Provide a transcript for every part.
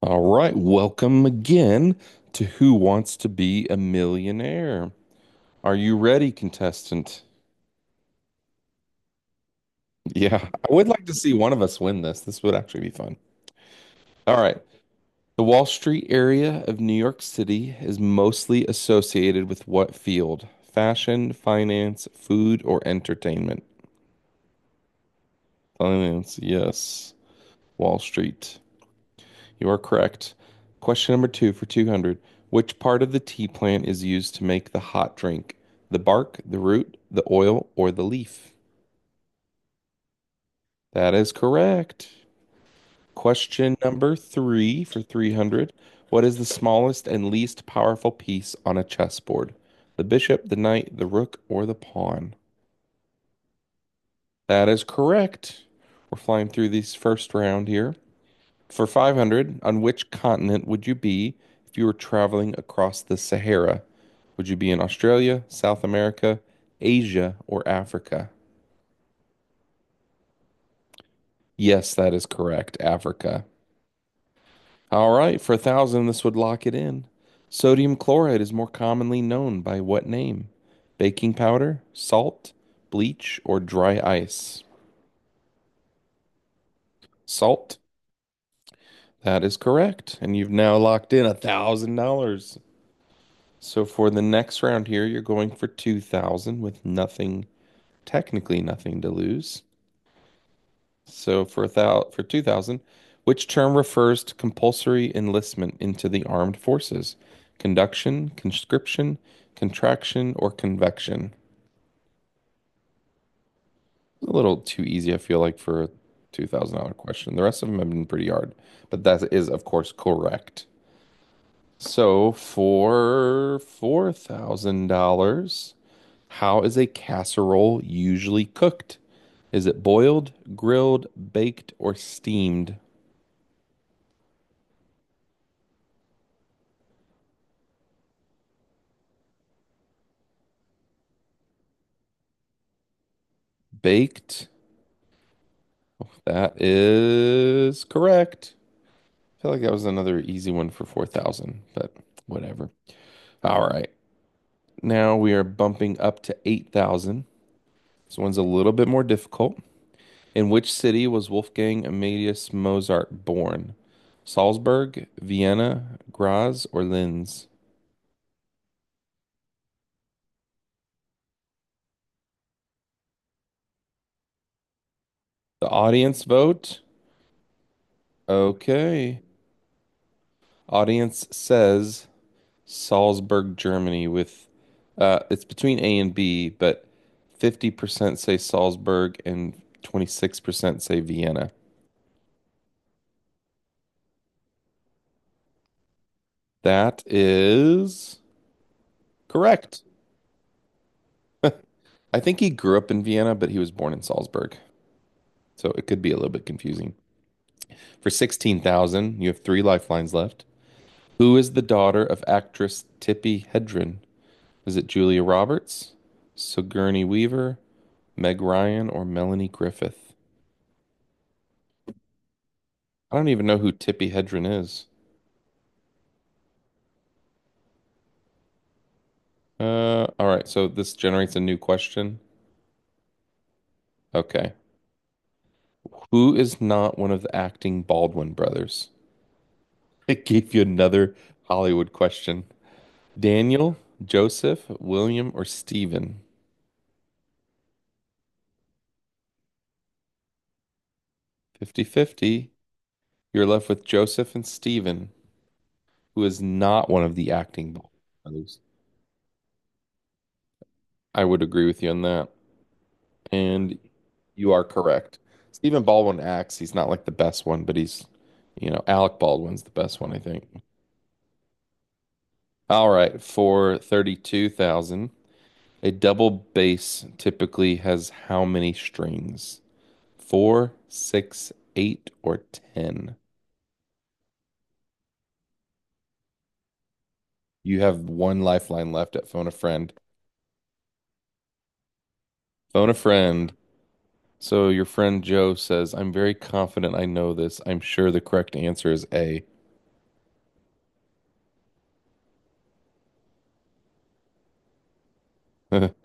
All right, welcome again to Who Wants to Be a Millionaire? Are you ready, contestant? Yeah, I would like to see one of us win this. This would actually be fun. All right. The Wall Street area of New York City is mostly associated with what field? Fashion, finance, food, or entertainment? Finance, yes. Wall Street. You are correct. Question number two for 200. Which part of the tea plant is used to make the hot drink? The bark, the root, the oil, or the leaf? That is correct. Question number three for 300. What is the smallest and least powerful piece on a chessboard? The bishop, the knight, the rook, or the pawn? That is correct. We're flying through this first round here. For 500, on which continent would you be if you were traveling across the Sahara? Would you be in Australia, South America, Asia, or Africa? Yes, that is correct, Africa. All right, for 1,000, this would lock it in. Sodium chloride is more commonly known by what name? Baking powder, salt, bleach, or dry ice? Salt. That is correct. And you've now locked in $1,000. So for the next round here, you're going for 2,000 with nothing, technically nothing to lose. So for 2,000, which term refers to compulsory enlistment into the armed forces? Conduction, conscription, contraction, or convection? A little too easy, I feel like, for a $2,000 question. The rest of them have been pretty hard, but that is, of course, correct. So for $4,000, how is a casserole usually cooked? Is it boiled, grilled, baked, or steamed? Baked. That is correct. I feel like that was another easy one for 4,000, but whatever. All right. Now we are bumping up to 8,000. This one's a little bit more difficult. In which city was Wolfgang Amadeus Mozart born? Salzburg, Vienna, Graz, or Linz? The audience vote? Okay. Audience says Salzburg, Germany, with it's between A and B, but 50% say Salzburg and 26% say Vienna. That is correct. I think he grew up in Vienna, but he was born in Salzburg. So it could be a little bit confusing. For 16,000, you have three lifelines left. Who is the daughter of actress Tippi Hedren? Is it Julia Roberts, Sigourney Weaver, Meg Ryan, or Melanie Griffith? I don't even know who Tippi Hedren is. All right, so this generates a new question. Okay. Who is not one of the acting Baldwin brothers? It gave you another Hollywood question. Daniel, Joseph, William, or Stephen? 50/50. You're left with Joseph and Stephen. Who is not one of the acting brothers. I would agree with you on that. And you are correct. Stephen Baldwin acts. He's not like the best one, but he's, you know, Alec Baldwin's the best one, I think. All right, for 32,000, a double bass typically has how many strings? Four, six, eight, or 10? You have one lifeline left at Phone a Friend. Phone a Friend. So your friend Joe says, I'm very confident I know this. I'm sure the correct answer is A.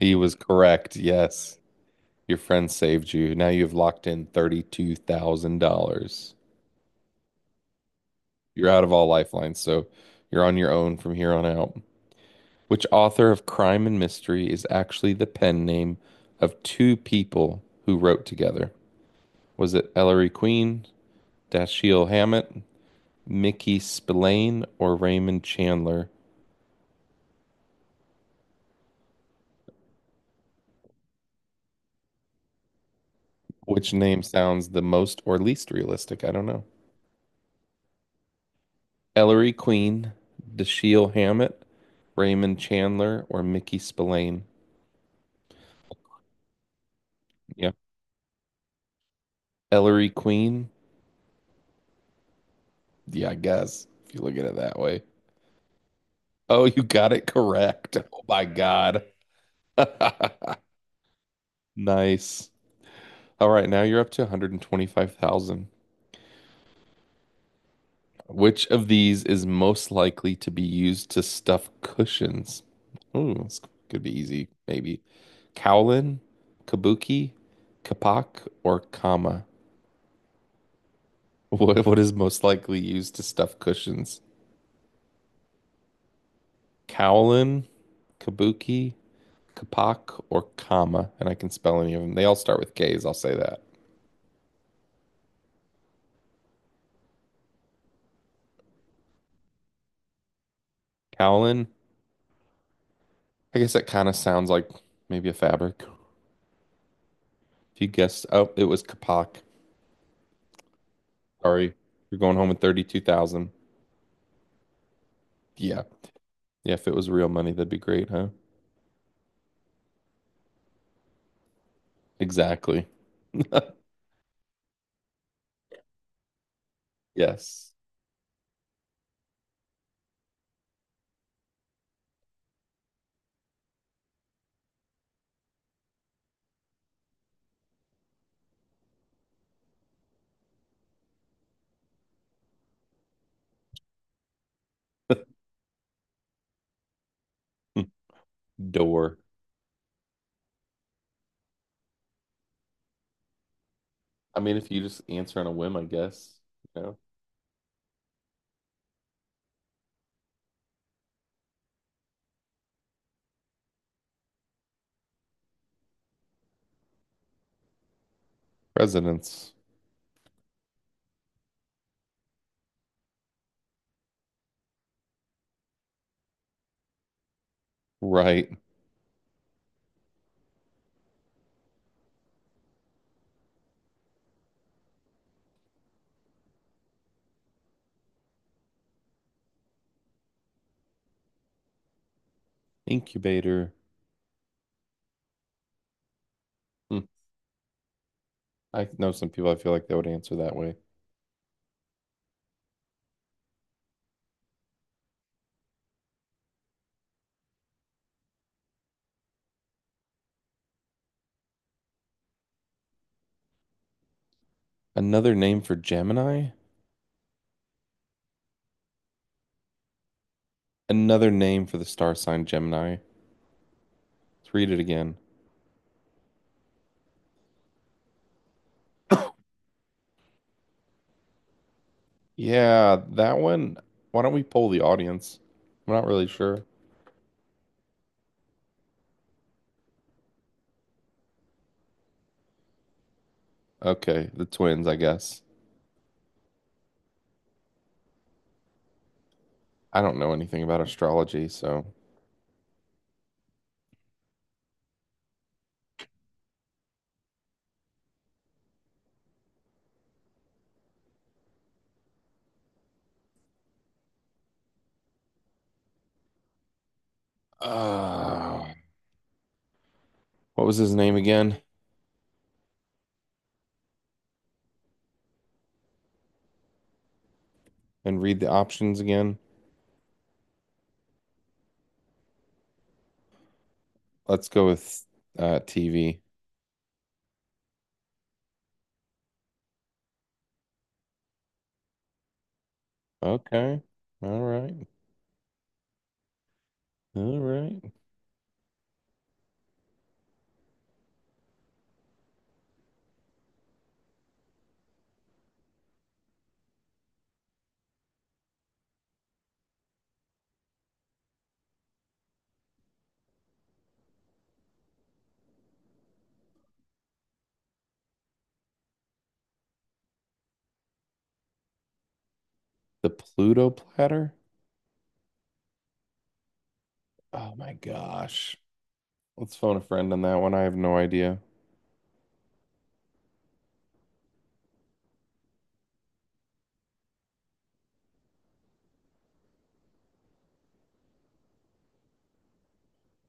He was correct. Yes. Your friend saved you. Now you've locked in $32,000. You're out of all lifelines, so you're on your own from here on out. Which author of Crime and Mystery is actually the pen name of two people who wrote together? Was it Ellery Queen, Dashiell Hammett, Mickey Spillane, or Raymond Chandler? Which name sounds the most or least realistic? I don't know. Ellery Queen, Dashiell Hammett, Raymond Chandler, or Mickey Spillane? Yeah. Ellery Queen? Yeah, I guess if you look at it that way. Oh, you got it correct. Oh my God. Nice. All right, now you're up to 125,000. Which of these is most likely to be used to stuff cushions? Ooh, this could be easy, maybe. Kowlin, kabuki, kapak, or kama? What is most likely used to stuff cushions? Kowlin, kabuki, kapak, or kama? And I can spell any of them. They all start with K's, I'll say that. Kowlin, I guess that kind of sounds like maybe a fabric. If you guessed, oh, it was kapak. Sorry, you're going home with 32,000. Yeah. Yeah, if it was real money, that'd be great, huh? Exactly. Yes. Door. I mean, if you just answer on a whim, I guess. You know, residence. Right. Incubator. Hmm. I know some people I feel like they would answer that way. Another name for Gemini? Another name for the star sign Gemini. Let's read it again. Yeah, that one. Why don't we poll the audience? I'm not really sure. Okay, the twins, I guess. I don't know anything about astrology, so. Uh, what was his name again? And read the options again. Let's go with TV. Okay. All right. All right. The Pluto platter. Oh my gosh. Let's phone a friend on that one. I have no idea.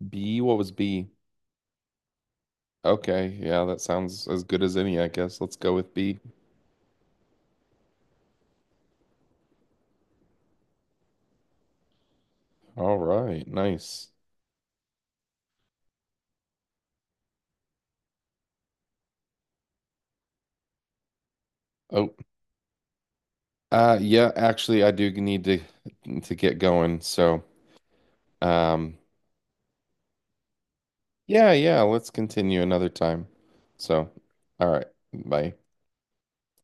B, what was B? Okay. Yeah, that sounds as good as any, I guess. Let's go with B. All right. Nice. Oh, yeah, actually, I do need to get going. So, um, yeah, yeah, let's continue another time. So, all right. Bye.